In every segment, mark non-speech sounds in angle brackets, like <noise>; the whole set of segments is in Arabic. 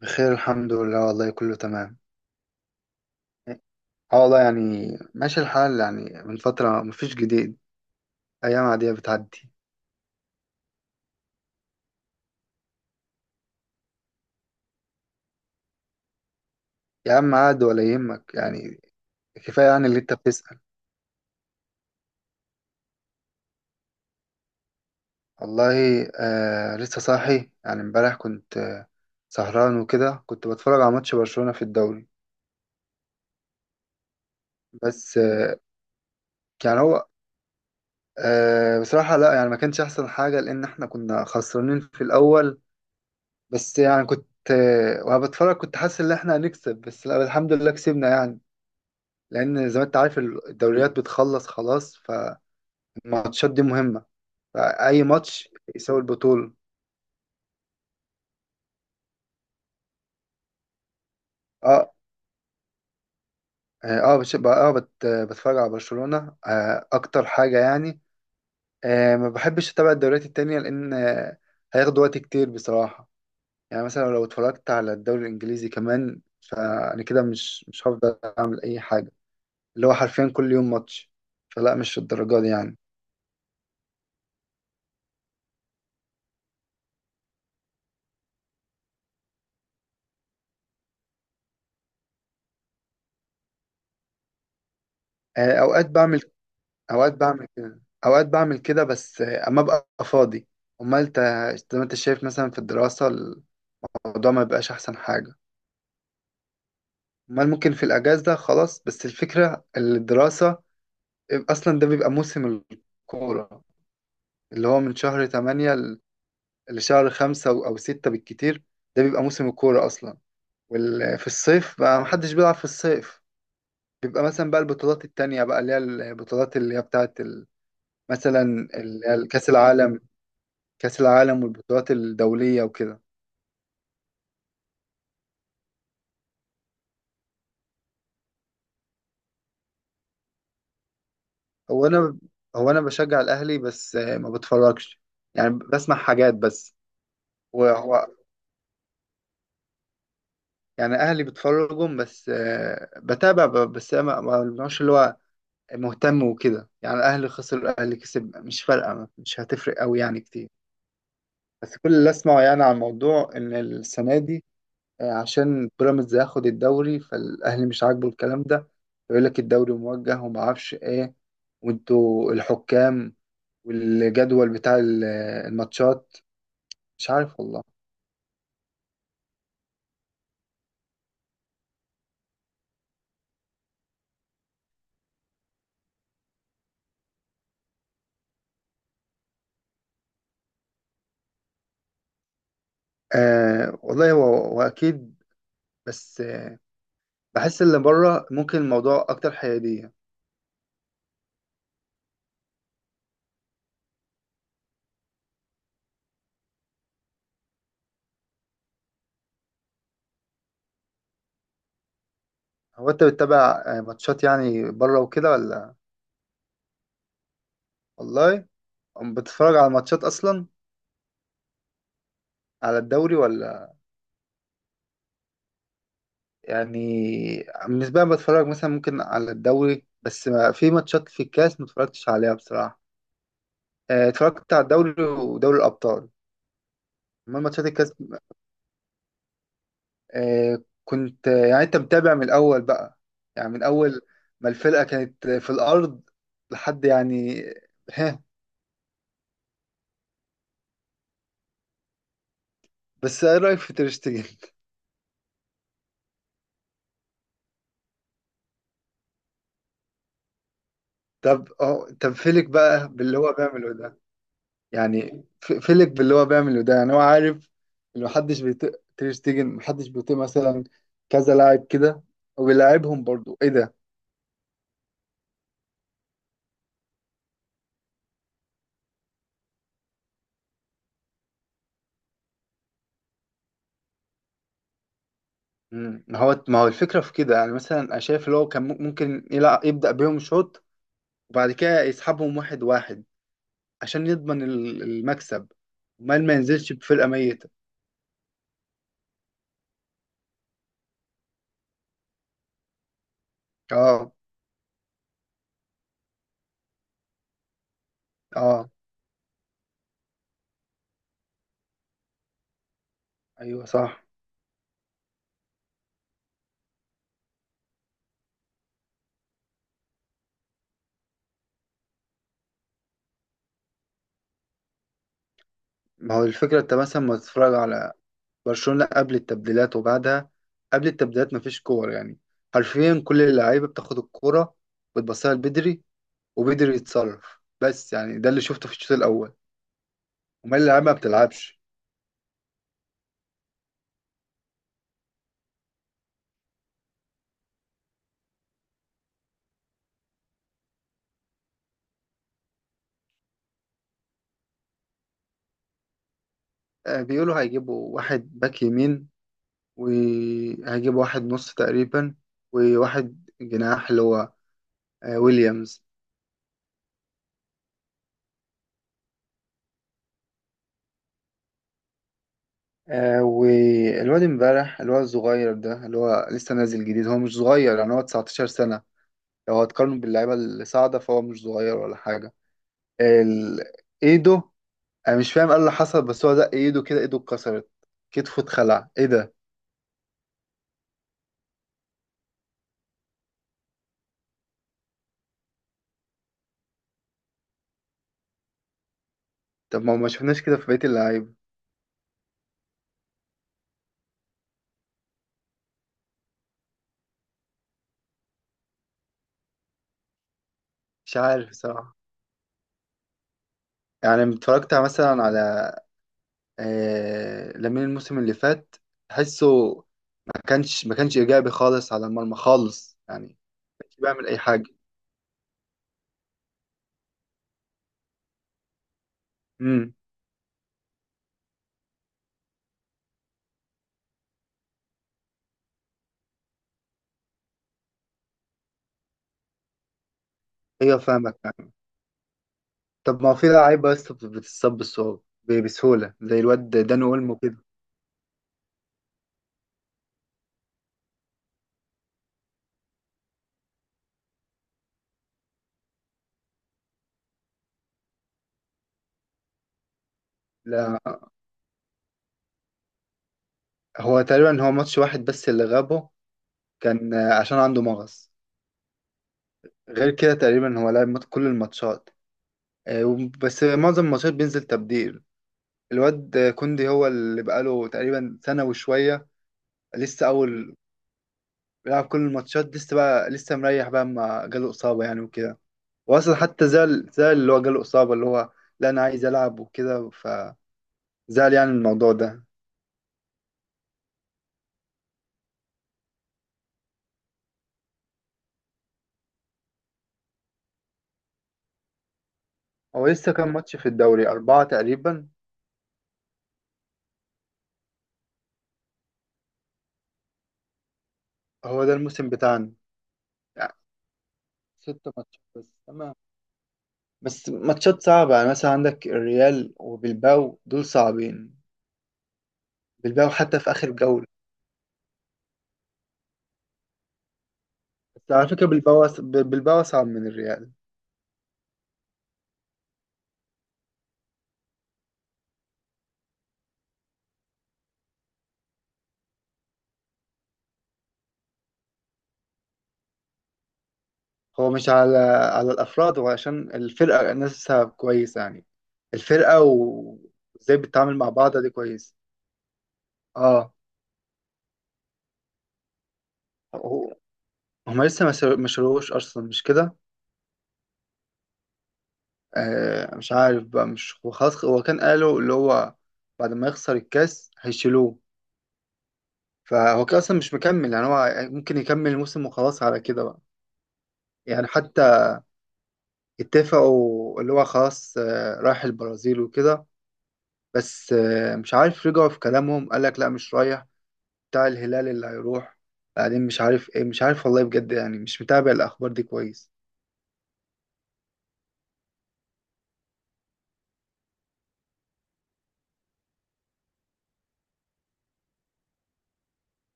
بخير، الحمد لله. والله كله تمام. اه والله يعني ماشي الحال يعني، من فترة مفيش جديد، أيام عادية بتعدي. يا عم، عاد ولا يهمك يعني. كفاية يعني اللي أنت بتسأل. والله لسه صاحي يعني. امبارح كنت سهران وكده، كنت بتفرج على ماتش برشلونة في الدوري. بس يعني هو بصراحة لا يعني، ما كانش أحسن حاجة لأن إحنا كنا خسرانين في الأول. بس يعني كنت وأنا بتفرج كنت حاسس إن إحنا هنكسب، بس لا الحمد لله كسبنا يعني. لان زي ما انت عارف الدوريات بتخلص خلاص، فالماتشات دي مهمه، فاي ماتش يساوي البطوله. اه يعني بتفرج على برشلونه اكتر حاجه يعني. ما بحبش اتابع الدوريات التانية لان هياخد وقت كتير بصراحه. يعني مثلا لو اتفرجت على الدوري الانجليزي كمان، فانا كده مش هفضل اعمل اي حاجه، اللي هو حرفيا كل يوم ماتش. فلا، مش في الدرجه دي يعني. آه اوقات بعمل اوقات بعمل كده اوقات بعمل كده، بس اما ابقى فاضي. امال انت، زي ما انت شايف مثلا في الدراسة، الموضوع ما بيبقاش احسن حاجة. امال ممكن في الاجازة خلاص، بس الفكرة الدراسة اصلا ده بيبقى موسم الكورة، اللي هو من شهر 8 لشهر 5 او 6 بالكتير. ده بيبقى موسم الكورة اصلا، وفي الصيف بقى محدش بيلعب في الصيف. بيبقى مثلا بقى البطولات التانية بقى، اللي هي البطولات اللي هي بتاعت اللي هي كأس العالم. كأس العالم والبطولات الدولية وكده. هو أنا هو أنا بشجع الأهلي، بس ما بتفرجش، يعني بسمع حاجات بس. وهو يعني أهلي بتفرجهم، بس بتابع بس أنا ما بنوعش اللي هو مهتم وكده. يعني الأهلي خسر، الأهلي كسب، مش فارقة، مش هتفرق أوي يعني كتير. بس كل اللي أسمعه يعني عن الموضوع إن السنة دي عشان بيراميدز هياخد الدوري، فالأهلي مش عاجبه الكلام ده، يقول لك الدوري موجه وما اعرفش إيه، وانتوا الحكام والجدول بتاع الماتشات. مش عارف والله. والله هو واكيد، بس بحس اللي بره ممكن الموضوع اكتر حياديه. هو انت بتتابع ماتشات يعني بره وكده ولا؟ والله بتتفرج على ماتشات اصلا؟ على الدوري ولا؟ يعني بالنسبه لي بتفرج مثلا ممكن على الدوري، بس ما في ماتشات في الكاس ما اتفرجتش عليها بصراحه. اتفرجت على الدوري ودوري الابطال، اما ماتشات الكاس كنت يعني انت متابع من الاول بقى، يعني من اول ما الفرقه كانت في الارض لحد يعني، ها. بس ايه رايك في تيرشتجن؟ <laughs> طب فيلك بقى باللي هو بيعمله ده. يعني فيلك باللي هو بيعمله ده، يعني هو عارف ان محدش بيطيق تيرشتجن، محدش بيطيق مثلا كذا لاعب كده، وبيلاعبهم برضو. ايه ده! ما هو الفكره في كده. يعني مثلا انا شايف اللي هو كان ممكن يلعب، يبدا بيهم شوط وبعد كده يسحبهم واحد واحد عشان يضمن المكسب. المال ما ينزلش بفرقة ميتة. اه، اه، ايوه صح. ما هو الفكرة انت مثلا ما تتفرج على برشلونة قبل التبديلات وبعدها؟ قبل التبديلات مفيش كور يعني، حرفيا كل اللعيبة بتاخد الكورة وتبصها لبدري، وبدري يتصرف. بس يعني ده اللي شفته في الشوط الأول، ومال اللعيبة ما بتلعبش. بيقولوا هيجيبوا واحد باك يمين، وهيجيبوا واحد نص تقريبا، وواحد جناح اللي هو ويليامز. والواد امبارح اللي هو الصغير ده اللي هو لسه نازل جديد، هو مش صغير يعني، هو 19 سنة. لو هتقارنه باللعيبة اللي صاعدة فهو مش صغير ولا حاجة. ال... ايده، انا مش فاهم ايه اللي حصل، بس هو زق ايده كده، ايده اتكسرت، كتفه اتخلع. ايه ده! طب ما هو ما شفناش كده في بقية اللعيبة. مش عارف صراحة. يعني اتفرجت مثلا على لامين الموسم اللي فات، تحسه ما كانش ايجابي خالص على المرمى خالص، يعني ما كانش بيعمل اي حاجة. ايوه فاهمك فاهمك. طب ما هو في لعيبه بس بتتصاب بالصعوبة بسهوله، زي الواد داني اولمو كده. لا، هو تقريبا ماتش واحد بس اللي غابه، كان عشان عنده مغص. غير كده تقريبا هو لعب كل الماتشات، بس معظم الماتشات بينزل تبديل. الواد كوندي هو اللي بقاله تقريبا سنه وشويه، لسه اول، بيلعب كل الماتشات، لسه بقى لسه مريح بقى ما جاله اصابه يعني وكده. واصلا حتى زعل زعل اللي هو جاله اصابه، اللي هو لا انا عايز العب وكده، زعل يعني من الموضوع ده. هو لسه كام ماتش في الدوري، أربعة تقريبا؟ هو ده الموسم بتاعنا يعني، ست ماتشات بس، تمام. بس ماتشات صعبة يعني، مثلا عندك الريال وبلباو، دول صعبين. بلباو حتى في آخر جولة. بس على فكرة بلباو بلباو أصعب من الريال. هو مش على الأفراد، هو عشان الفرقة نفسها كويسة يعني، الفرقة وإزاي بتتعامل مع بعضها دي كويس. اه، هو- هما لسه ما شروش أصلا مش كده. مش عارف بقى. مش هو خلاص، هو كان قالوا اللي هو بعد ما يخسر الكاس هيشيلوه، فهو كان اصلا مش مكمل يعني، هو ممكن يكمل الموسم وخلاص على كده بقى، يعني حتى اتفقوا اللي هو خلاص رايح البرازيل وكده. بس مش عارف، رجعوا في كلامهم، قال لك لا مش رايح، بتاع الهلال اللي هيروح، بعدين مش عارف ايه، مش عارف والله بجد يعني، مش متابع الاخبار دي كويس.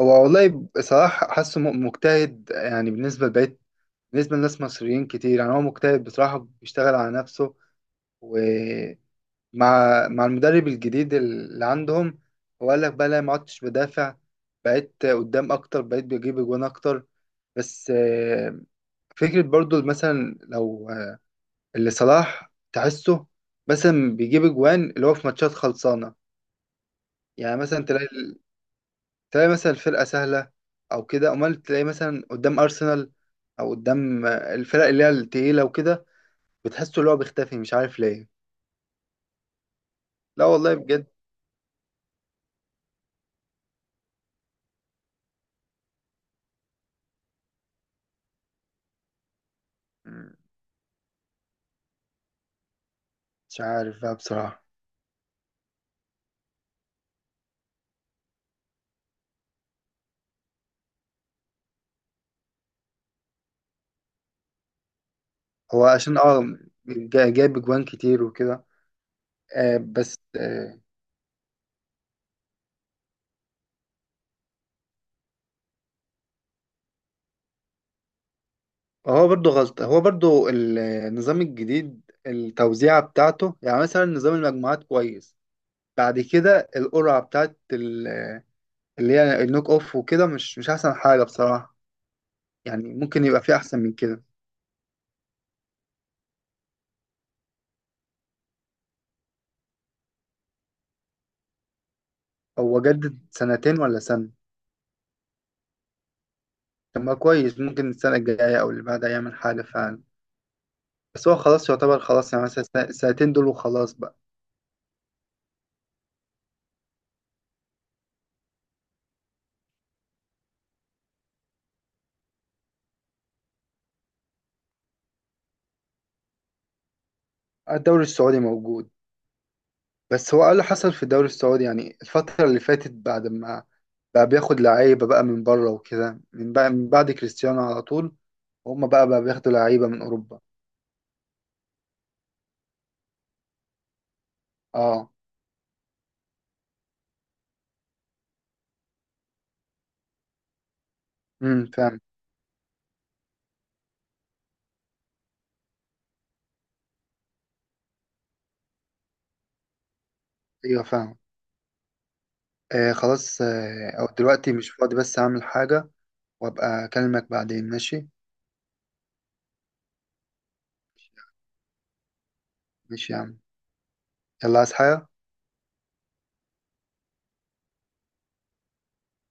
هو والله بصراحة حاسه مجتهد، يعني بالنسبة لبقية، بالنسبة لناس مصريين كتير يعني، هو مجتهد بصراحة، بيشتغل على نفسه، ومع مع المدرب الجديد اللي عندهم. هو قال لك بقى لا ما عدتش بدافع، بقيت قدام أكتر، بقيت بجيب أجوان أكتر. بس فكرة برضو مثلا لو اللي صلاح تحسه مثلا بيجيب أجوان اللي هو في ماتشات خلصانة. يعني مثلا تلاقي مثلا الفرقة سهلة أو كده، أمال تلاقي مثلا قدام أرسنال أو قدام الفرق اللي هي التقيلة وكده، بتحسه اللي هو بيختفي، مش عارف ليه. لا والله بجد. مم، مش عارف بقى بصراحة. هو عشان جايب اجوان كتير وكده، بس هو برضو غلط، هو برضو النظام الجديد التوزيعة بتاعته. يعني مثلا نظام المجموعات كويس، بعد كده القرعة بتاعت اللي هي النوك اوف وكده، مش احسن حاجة بصراحة، يعني ممكن يبقى في احسن من كده. هو جدد سنتين ولا سنة؟ طب ما كويس، ممكن السنة الجاية أو اللي بعدها يعمل حاجة فعلا. بس هو خلاص يعتبر، خلاص يعني مثلا السنتين دول وخلاص بقى. الدوري السعودي موجود. بس هو قال اللي حصل في الدوري السعودي يعني الفترة اللي فاتت، بعد ما بقى بياخد لعيبة بقى من بره وكده، من بقى من بعد كريستيانو على طول، هما بقى بياخدوا لعيبة من أوروبا. اه، فاهم. ايوه فاهم. خلاص، أو دلوقتي مش فاضي، بس أعمل حاجة وأبقى أكلمك بعدين، ماشي؟ ماشي يا عم، يلا. عايز حاجة؟